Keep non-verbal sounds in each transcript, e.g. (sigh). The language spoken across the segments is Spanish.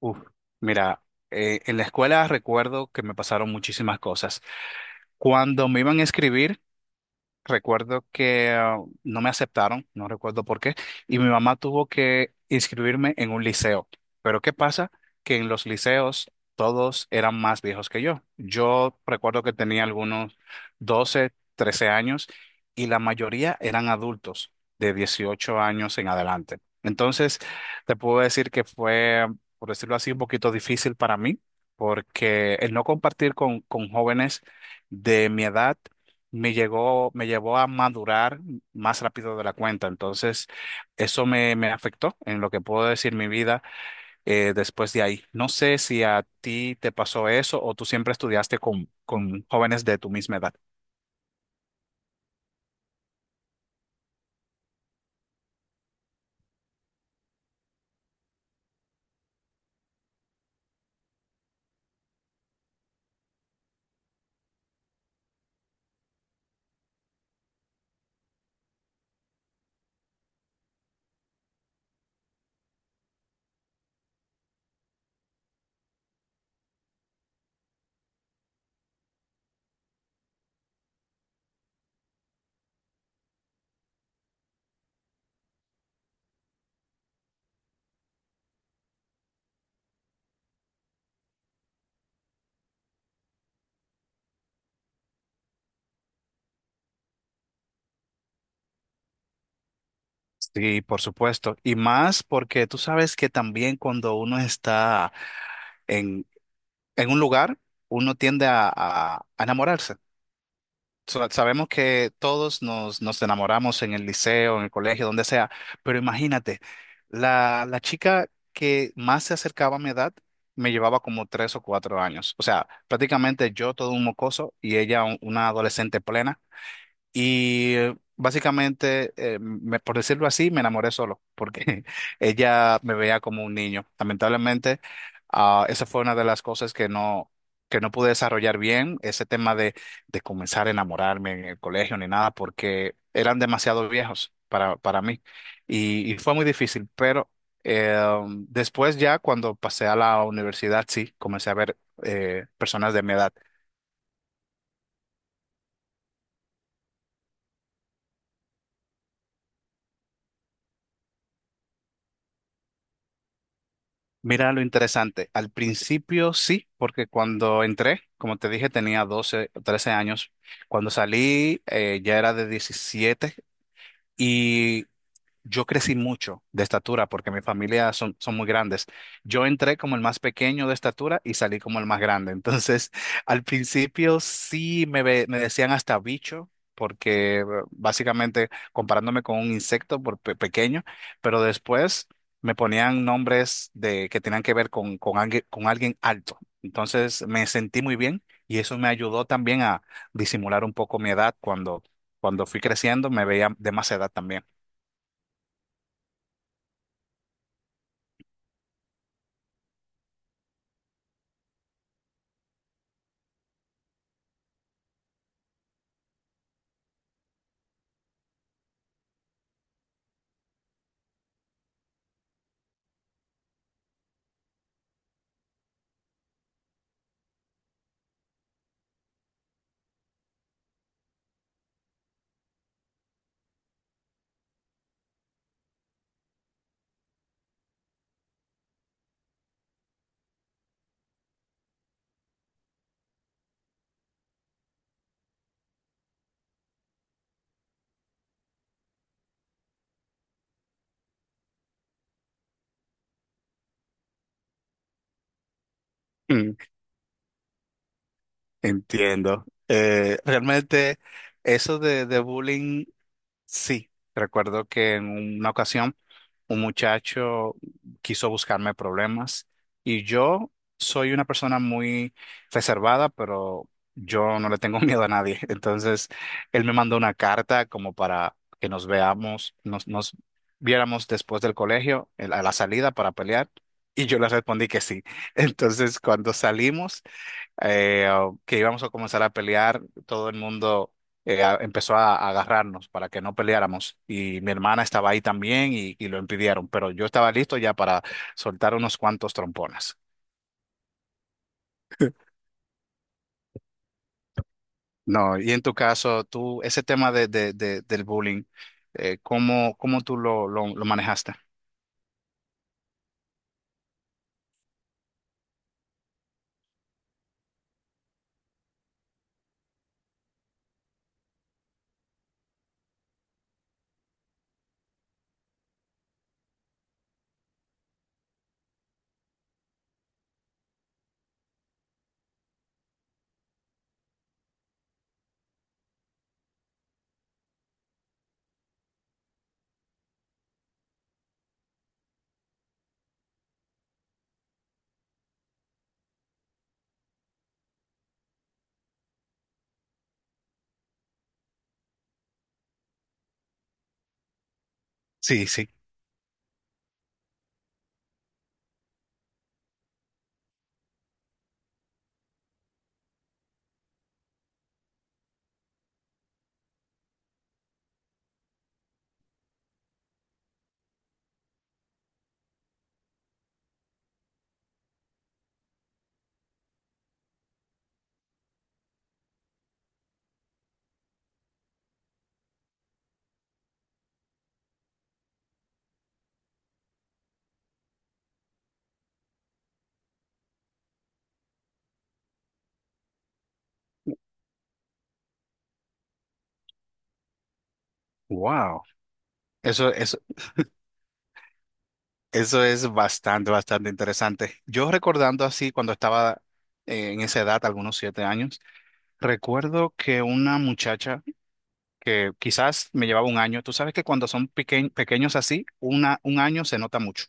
Uf, mira, en la escuela recuerdo que me pasaron muchísimas cosas. Cuando me iban a escribir, recuerdo que no me aceptaron, no recuerdo por qué, y mi mamá tuvo que inscribirme en un liceo. Pero ¿qué pasa? Que en los liceos todos eran más viejos que yo. Yo recuerdo que tenía algunos 12 13 años y la mayoría eran adultos de 18 años en adelante. Entonces, te puedo decir que fue, por decirlo así, un poquito difícil para mí, porque el no compartir con jóvenes de mi edad me llegó, me llevó a madurar más rápido de la cuenta. Entonces, eso me, me afectó en lo que puedo decir mi vida después de ahí. No sé si a ti te pasó eso o tú siempre estudiaste con jóvenes de tu misma edad. Sí, por supuesto. Y más porque tú sabes que también cuando uno está en, en un lugar, uno tiende a, a enamorarse. Sabemos que todos nos, nos enamoramos en el liceo, en el colegio, donde sea, pero imagínate, la chica que más se acercaba a mi edad me llevaba como tres o cuatro años. O sea, prácticamente yo todo un mocoso y ella una adolescente plena. Y básicamente, por decirlo así, me enamoré solo, porque (laughs) ella me veía como un niño. Lamentablemente, esa fue una de las cosas que no pude desarrollar bien, ese tema de comenzar a enamorarme en el colegio ni nada, porque eran demasiado viejos para mí. Y fue muy difícil, pero eh, después ya cuando pasé a la universidad, sí, comencé a ver personas de mi edad. Mira lo interesante. Al principio sí, porque cuando entré, como te dije, tenía 12, o 13 años. Cuando salí, ya era de 17 y yo crecí mucho de estatura porque mi familia son, son muy grandes. Yo entré como el más pequeño de estatura y salí como el más grande. (laughs) Entonces, al principio sí me decían hasta bicho, porque básicamente comparándome con un insecto por pequeño, pero después me ponían nombres de, que tenían que ver con alguien alto. Entonces, me sentí muy bien y eso me ayudó también a disimular un poco mi edad cuando, cuando fui creciendo, me veía de más edad también. Entiendo. Realmente eso de bullying, sí. Recuerdo que en una ocasión un muchacho quiso buscarme problemas y yo soy una persona muy reservada, pero yo no le tengo (laughs) miedo a nadie. Entonces, él me mandó una carta como para que nos veamos, nos, nos viéramos después del colegio, en a la salida para pelear. Y yo le respondí que sí. (laughs) Entonces, cuando salimos o que íbamos a comenzar a pelear, todo el mundo empezó a agarrarnos para que no peleáramos y mi hermana estaba ahí también y lo impidieron, pero yo estaba listo ya para soltar unos cuantos trompones. No, y en tu caso, tú, ese tema de, del bullying, ¿cómo, cómo tú lo manejaste? Sí, sí. Wow. Eso, eso, eso es bastante, bastante interesante. Yo recordando así cuando estaba en esa edad, algunos siete años, recuerdo que una muchacha que quizás me llevaba un año, tú sabes que cuando son pequeños así, una, un año se nota mucho,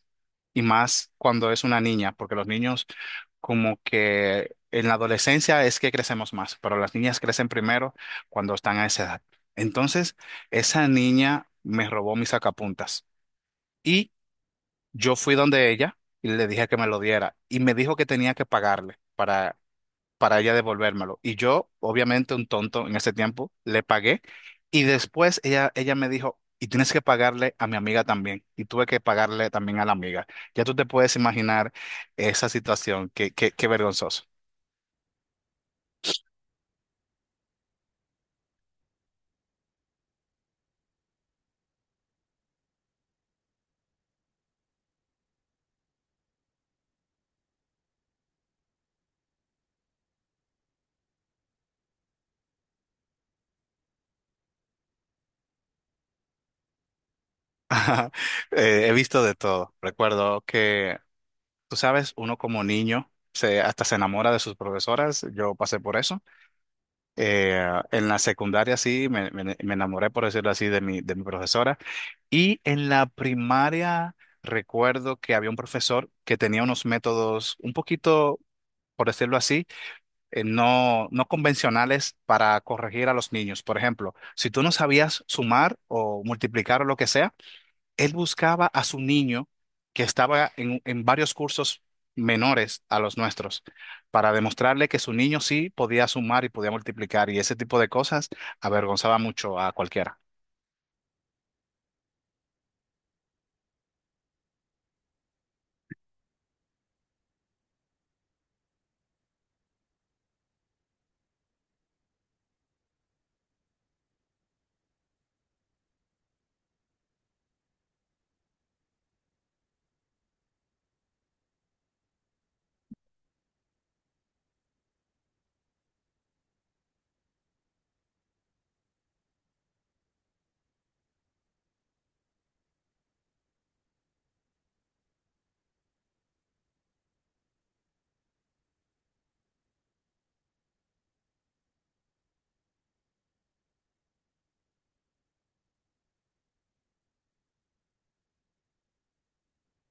y más cuando es una niña, porque los niños como que en la adolescencia es que crecemos más, pero las niñas crecen primero cuando están a esa edad. Entonces, esa niña me robó mis sacapuntas y yo fui donde ella y le dije que me lo diera y me dijo que tenía que pagarle para ella devolvérmelo. Y yo, obviamente un tonto en ese tiempo, le pagué y después ella me dijo, y tienes que pagarle a mi amiga también. Y tuve que pagarle también a la amiga. Ya tú te puedes imaginar esa situación, qué, qué, qué vergonzoso. (laughs) He visto de todo. Recuerdo que, tú sabes, uno como niño se, hasta se enamora de sus profesoras. Yo pasé por eso. Eh, en la secundaria sí, me enamoré, por decirlo así, de de mi profesora. Y en la primaria recuerdo que había un profesor que tenía unos métodos un poquito, por decirlo así, no convencionales para corregir a los niños. Por ejemplo, si tú no sabías sumar o multiplicar o lo que sea, él buscaba a su niño que estaba en varios cursos menores a los nuestros para demostrarle que su niño sí podía sumar y podía multiplicar y ese tipo de cosas avergonzaba mucho a cualquiera.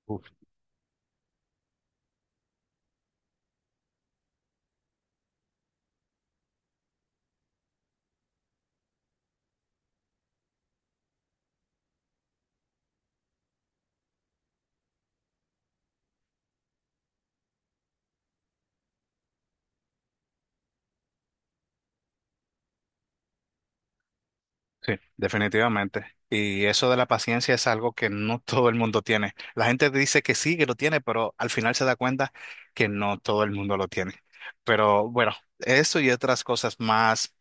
Uf, sí, definitivamente. Y eso de la paciencia es algo que no (laughs) todo el mundo tiene. La gente dice que sí, que lo tiene, pero al final se da cuenta que no todo el mundo lo tiene. Pero bueno, eso y otras cosas más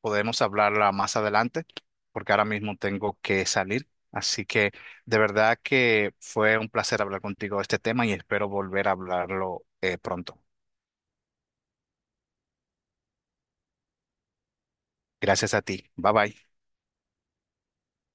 podemos hablarla más adelante, porque ahora mismo tengo que salir. Así que de verdad que fue un placer hablar contigo de este tema y espero volver a hablarlo pronto. Gracias a ti. Bye bye.